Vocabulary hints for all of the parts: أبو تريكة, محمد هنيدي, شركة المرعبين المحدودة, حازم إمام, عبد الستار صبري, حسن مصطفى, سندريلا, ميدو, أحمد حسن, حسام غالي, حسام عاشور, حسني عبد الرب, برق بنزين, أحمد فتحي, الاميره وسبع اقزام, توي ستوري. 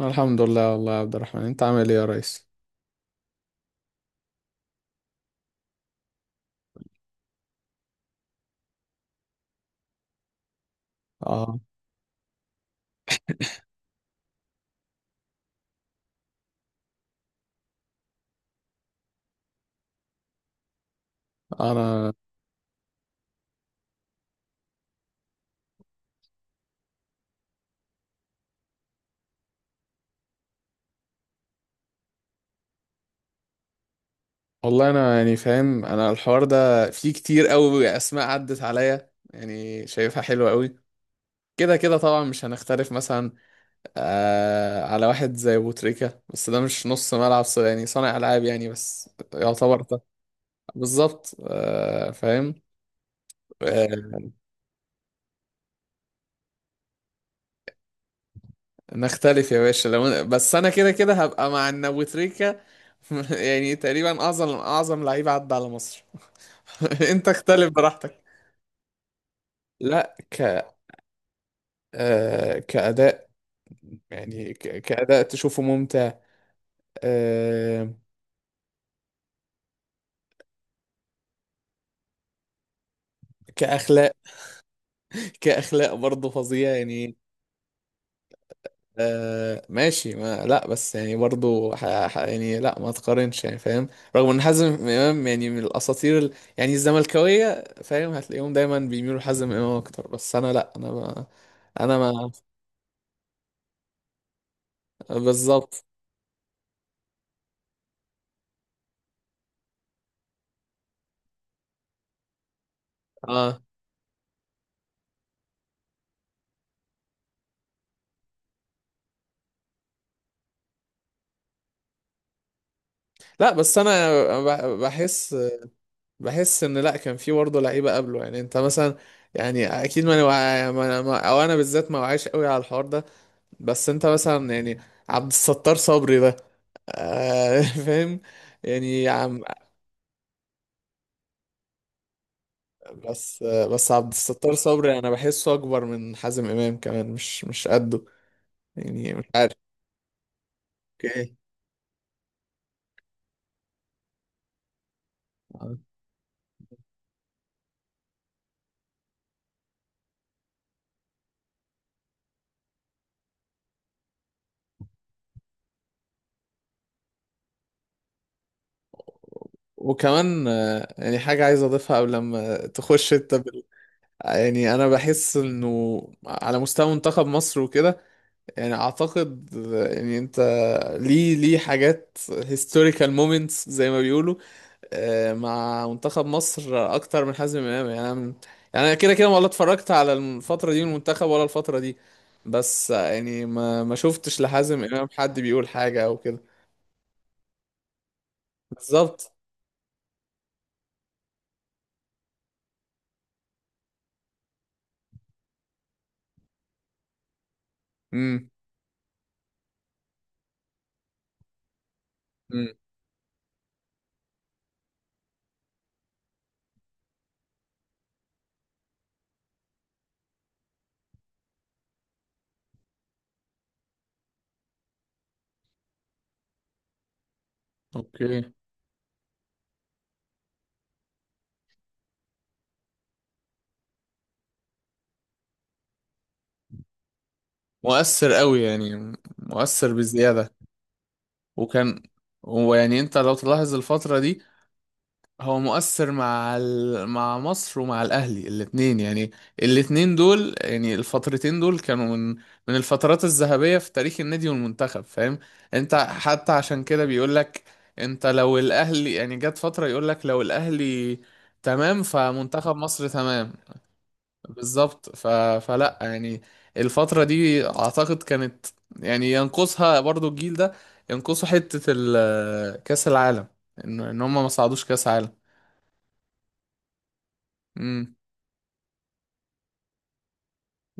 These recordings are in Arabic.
الحمد لله والله يا عبد الرحمن، انت عامل ايه يا ريس؟ اه انا والله انا فاهم، انا الحوار ده فيه كتير قوي اسماء عدت عليا، يعني شايفها حلوه قوي. كده كده طبعا مش هنختلف مثلا على واحد زي بوتريكا، بس ده مش نص ملعب، يعني صانع العاب يعني، بس يعتبر ده بالظبط. فاهم. آه، نختلف يا باشا، لو بس انا كده كده هبقى مع ان بوتريكا يعني تقريبا اعظم لعيب عدى على مصر. انت اختلف براحتك. لا ك آه كأداء، يعني كأداء تشوفه ممتع. آه. كأخلاق، كأخلاق برضه فظيع يعني. آه ماشي، ما لا، بس يعني برضه يعني لا ما تقارنش، يعني فاهم. رغم ان حازم امام يعني من الاساطير يعني الزملكاويه، فاهم، هتلاقيهم دايما بيميلوا لحازم امام اكتر، بس انا لا، انا ما بالظبط. اه لا، بس انا بحس، بحس ان لا، كان في برضه لعيبه قبله، يعني انت مثلا. يعني اكيد ما, ما, ما أنا- ما- او انا بالذات ما وعيش قوي على الحوار ده، بس انت مثلا يعني عبد الستار صبري ده. آه فاهم يعني يا عم. بس بس عبد الستار صبري انا بحسه اكبر من حازم امام كمان، مش قده. يعني مش عارف. اوكي. وكمان يعني حاجة عايز أضيفها قبل لما تخش أنت يعني أنا بحس إنه على مستوى منتخب مصر وكده، يعني اعتقد، يعني انت ليه حاجات هيستوريكال مومنتس زي ما بيقولوا مع منتخب مصر اكتر من حازم امام، يعني انا كده كده ولا اتفرجت على الفتره دي من المنتخب ولا الفتره دي، بس يعني ما ما شفتش لحازم امام حد بيقول حاجه او كده. بالظبط. امم. امم. اوكي. مؤثر قوي، يعني مؤثر بزياده. وكان، ويعني انت لو تلاحظ الفتره دي، هو مؤثر مع مع مصر ومع الاهلي، الاثنين يعني، الاثنين دول، يعني الفترتين دول كانوا من من الفترات الذهبية في تاريخ النادي والمنتخب، فاهم. انت حتى عشان كده بيقول لك، انت لو الاهلي يعني، جت فترة يقول لك لو الاهلي تمام فمنتخب مصر تمام. بالظبط. فلا يعني الفترة دي اعتقد كانت، يعني ينقصها برضو الجيل ده، ينقصه حتة كأس العالم، ان إن هم ما صعدوش كأس عالم.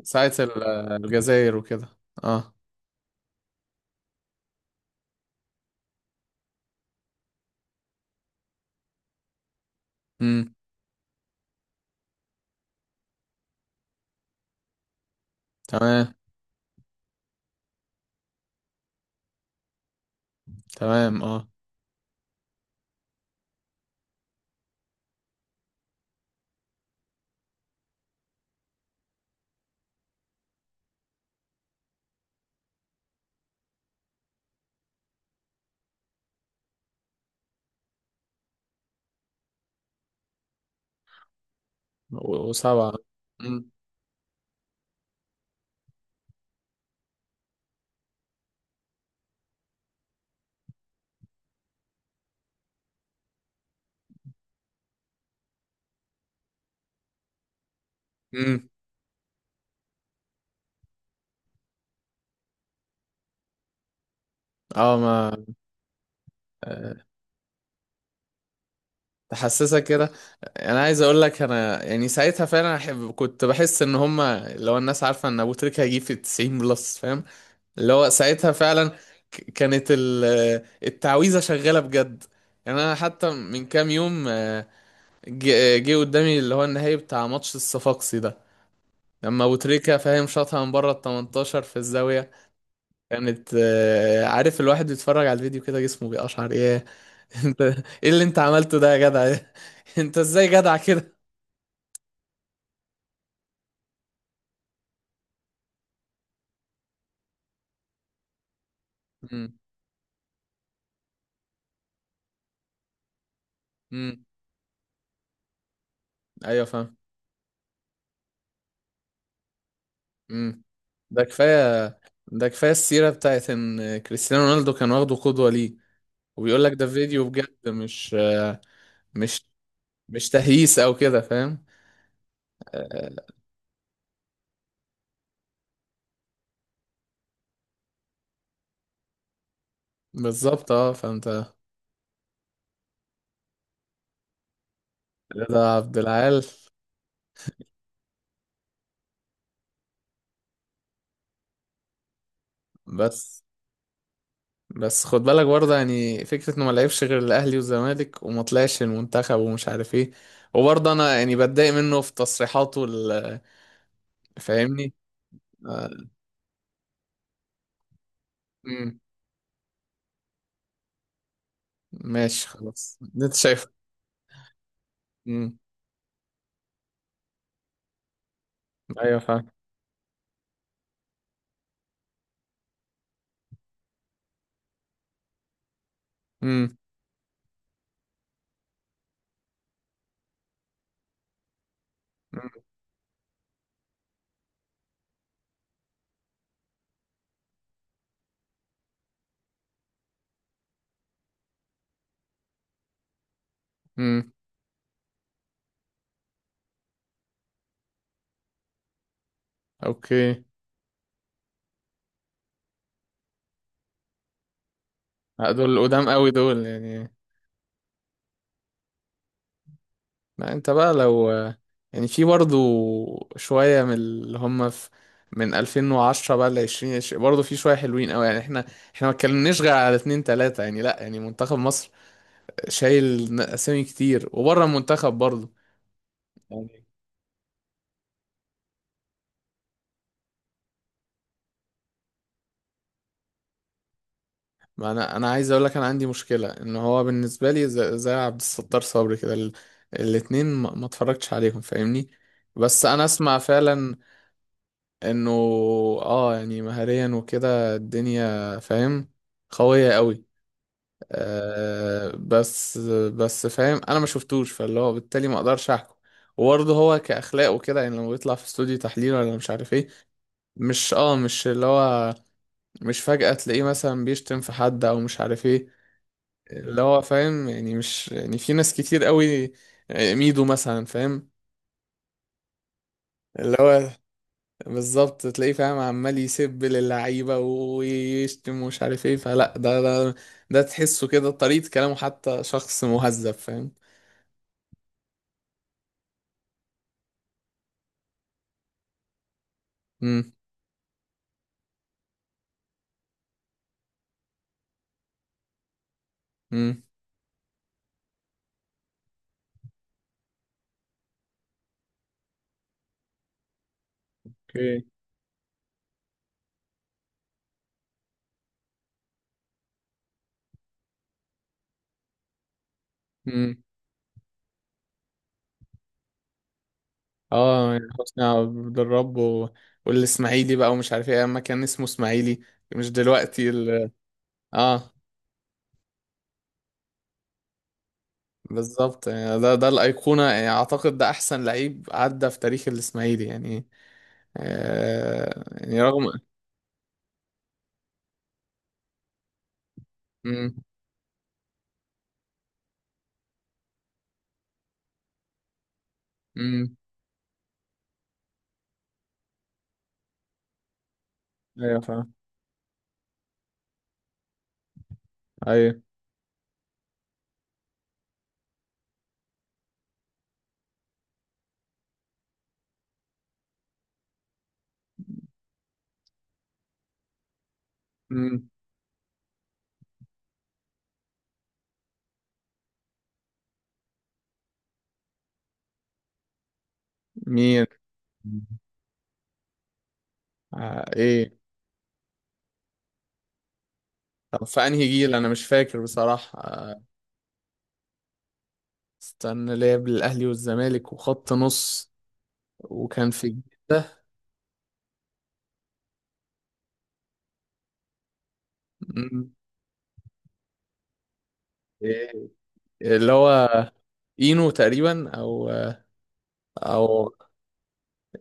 ساعة ال- الجزائر وكده. اه. امم. تمام. تمام. اه. وسبعة. امم. امم. اه ما. آه، تحسسك كده. انا عايز اقول لك انا يعني ساعتها فعلا أحب، كنت بحس ان هما لو الناس عارفة ان ابو تريكة هيجيب في 90 بلس، فاهم، اللي هو ساعتها فعلا كانت التعويذة شغالة بجد. يعني انا حتى من كام يوم جه قدامي اللي هو النهائي بتاع ماتش الصفاقسي ده، لما ابو تريكة، فاهم، شاطها من بره ال 18 في الزاويه. كانت عارف الواحد بيتفرج على الفيديو كده جسمه بيقشعر، ايه. انت، ايه اللي انت عملته ده يا جدع! انت ازاي جدع كده! امم. امم. ايوه فاهم. امم. ده كفايه، ده كفايه السيره بتاعت ان كريستيانو رونالدو كان واخده قدوه ليه. وبيقول لك ده فيديو بجد، مش مش تهييس او كده، فاهم. آه، بالظبط، اه فهمت. رضا عبد العال. بس بس خد بالك برضه، يعني فكرة انه ما لعبش غير الاهلي والزمالك وما طلعش المنتخب ومش عارف ايه، وبرضه انا يعني بتضايق منه في تصريحاته فاهمني. آه، امم. ماشي خلاص اللي انت شايف. امم. ايوه فاهم. امم. امم. أمم. اوكي. دول قدام قوي دول يعني. ما انت بقى لو، يعني في برضه شوية من اللي هم في، من 2010 بقى ل 2020، برضه في شوية حلوين قوي يعني. احنا احنا ما اتكلمناش غير على اتنين تلاتة، يعني لا يعني منتخب مصر شايل اسامي كتير، وبره المنتخب برضه. يعني ما انا عايز اقول لك، انا عندي مشكله ان هو بالنسبه لي زي عبد الستار صبري كده، الاتنين ما اتفرجتش عليهم، فاهمني. بس انا اسمع فعلا انه اه، يعني مهاريا وكده الدنيا، فاهم، قويه قوي. آه بس، بس فاهم انا ما شفتوش، فاللي هو بالتالي ما اقدرش احكم. وبرضه هو كاخلاق وكده، يعني لما بيطلع في استوديو تحليل ولا مش عارف ايه، مش اللي هو، مش فجأة تلاقيه مثلا بيشتم في حد او مش عارف ايه، اللي هو فاهم، يعني مش يعني في ناس كتير قوي، ميدو مثلا، فاهم، اللي هو بالظبط تلاقيه، فاهم، عمال يسب للعيبة ويشتم ومش عارف ايه، فلا ده، ده تحسه كده طريقة كلامه، حتى شخص مهذب، فاهم. امم. امم. اوكي. امم. اه يعني حسني عبد الرب والاسماعيلي بقى ومش عارف ايه، اما كان اسمه اسماعيلي، مش دلوقتي اه. بالظبط، يعني ده، ده الأيقونة، يعني أعتقد ده أحسن لعيب عدى في تاريخ الإسماعيلي يعني. آه يعني رغم. مم. مم. أيوة فاهم. أيوة. مم. مين؟ آه إيه. طب في أنهي جيل أنا مش فاكر بصراحة، آه استنى، لعب الأهلي والزمالك وخط نص، وكان في ده. مم. إيه اللي هو إينو تقريبا، أو أو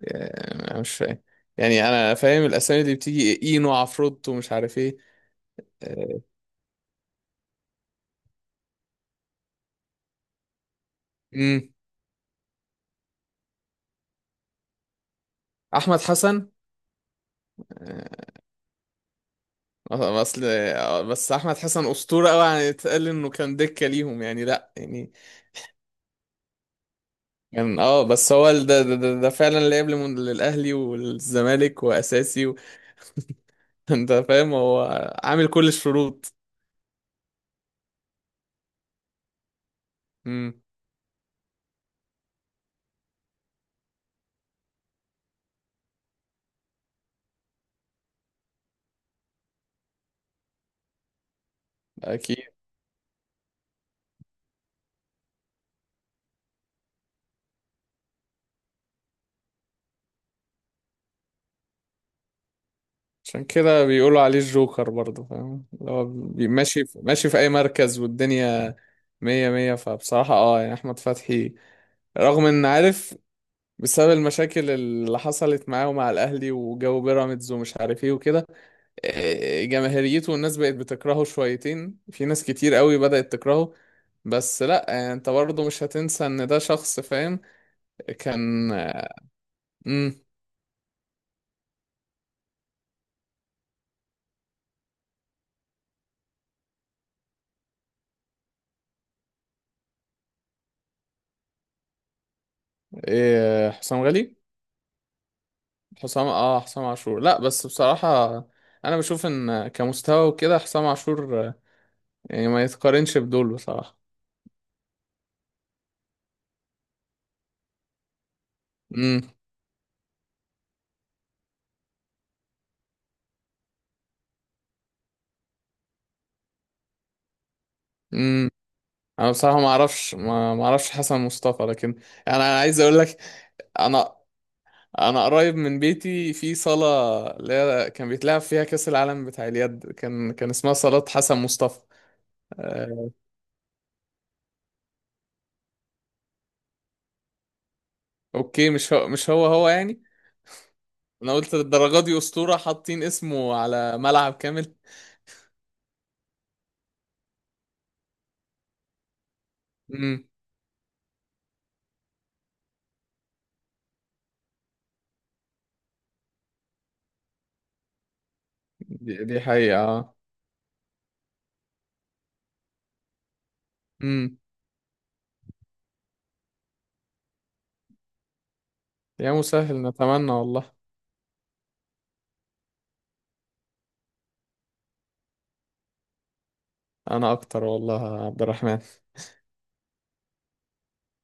آه مش فاهم، يعني أنا فاهم الأسامي اللي بتيجي، إينو، عفروتو، مش عارف إيه. امم. احمد حسن. آه، اصل آه، بس احمد حسن اسطوره قوي يعني، اتقال انه كان دكه ليهم، يعني لا يعني كان اه، بس هو ده ده فعلا لعب للاهلي والزمالك واساسي انت فاهم هو عامل كل الشروط. امم. اكيد. عشان كده بيقولوا عليه الجوكر برضه، فاهم، اللي هو ماشي ماشي في اي مركز والدنيا مية مية. فبصراحه اه يعني احمد فتحي، رغم ان، عارف، بسبب المشاكل اللي حصلت معاه ومع الاهلي وجو بيراميدز ومش عارف ايه وكده، جماهيريته والناس بقت بتكرهه شويتين، في ناس كتير قوي بدأت تكرهه، بس لا انت برضه مش هتنسى ان ده شخص، فاهم، كان آه. امم. إيه حسام غالي؟ حسام، اه حسام عاشور. لا بس بصراحة، انا بشوف ان كمستوى وكده حسام عاشور يعني ما يتقارنش بدول بصراحة. امم. انا بصراحه ما اعرفش، ما اعرفش حسن مصطفى، لكن يعني انا عايز اقول لك، انا انا قريب من بيتي في صاله اللي هي كان بيتلعب فيها كاس العالم بتاع اليد، كان كان اسمها صالات حسن مصطفى. آه، اوكي، مش هو، مش هو هو يعني، انا قلت للدرجه دي اسطوره حاطين اسمه على ملعب كامل. امم. دي حقيقه. امم. يا مسهل، نتمنى والله. انا اكتر والله يا عبد الرحمن.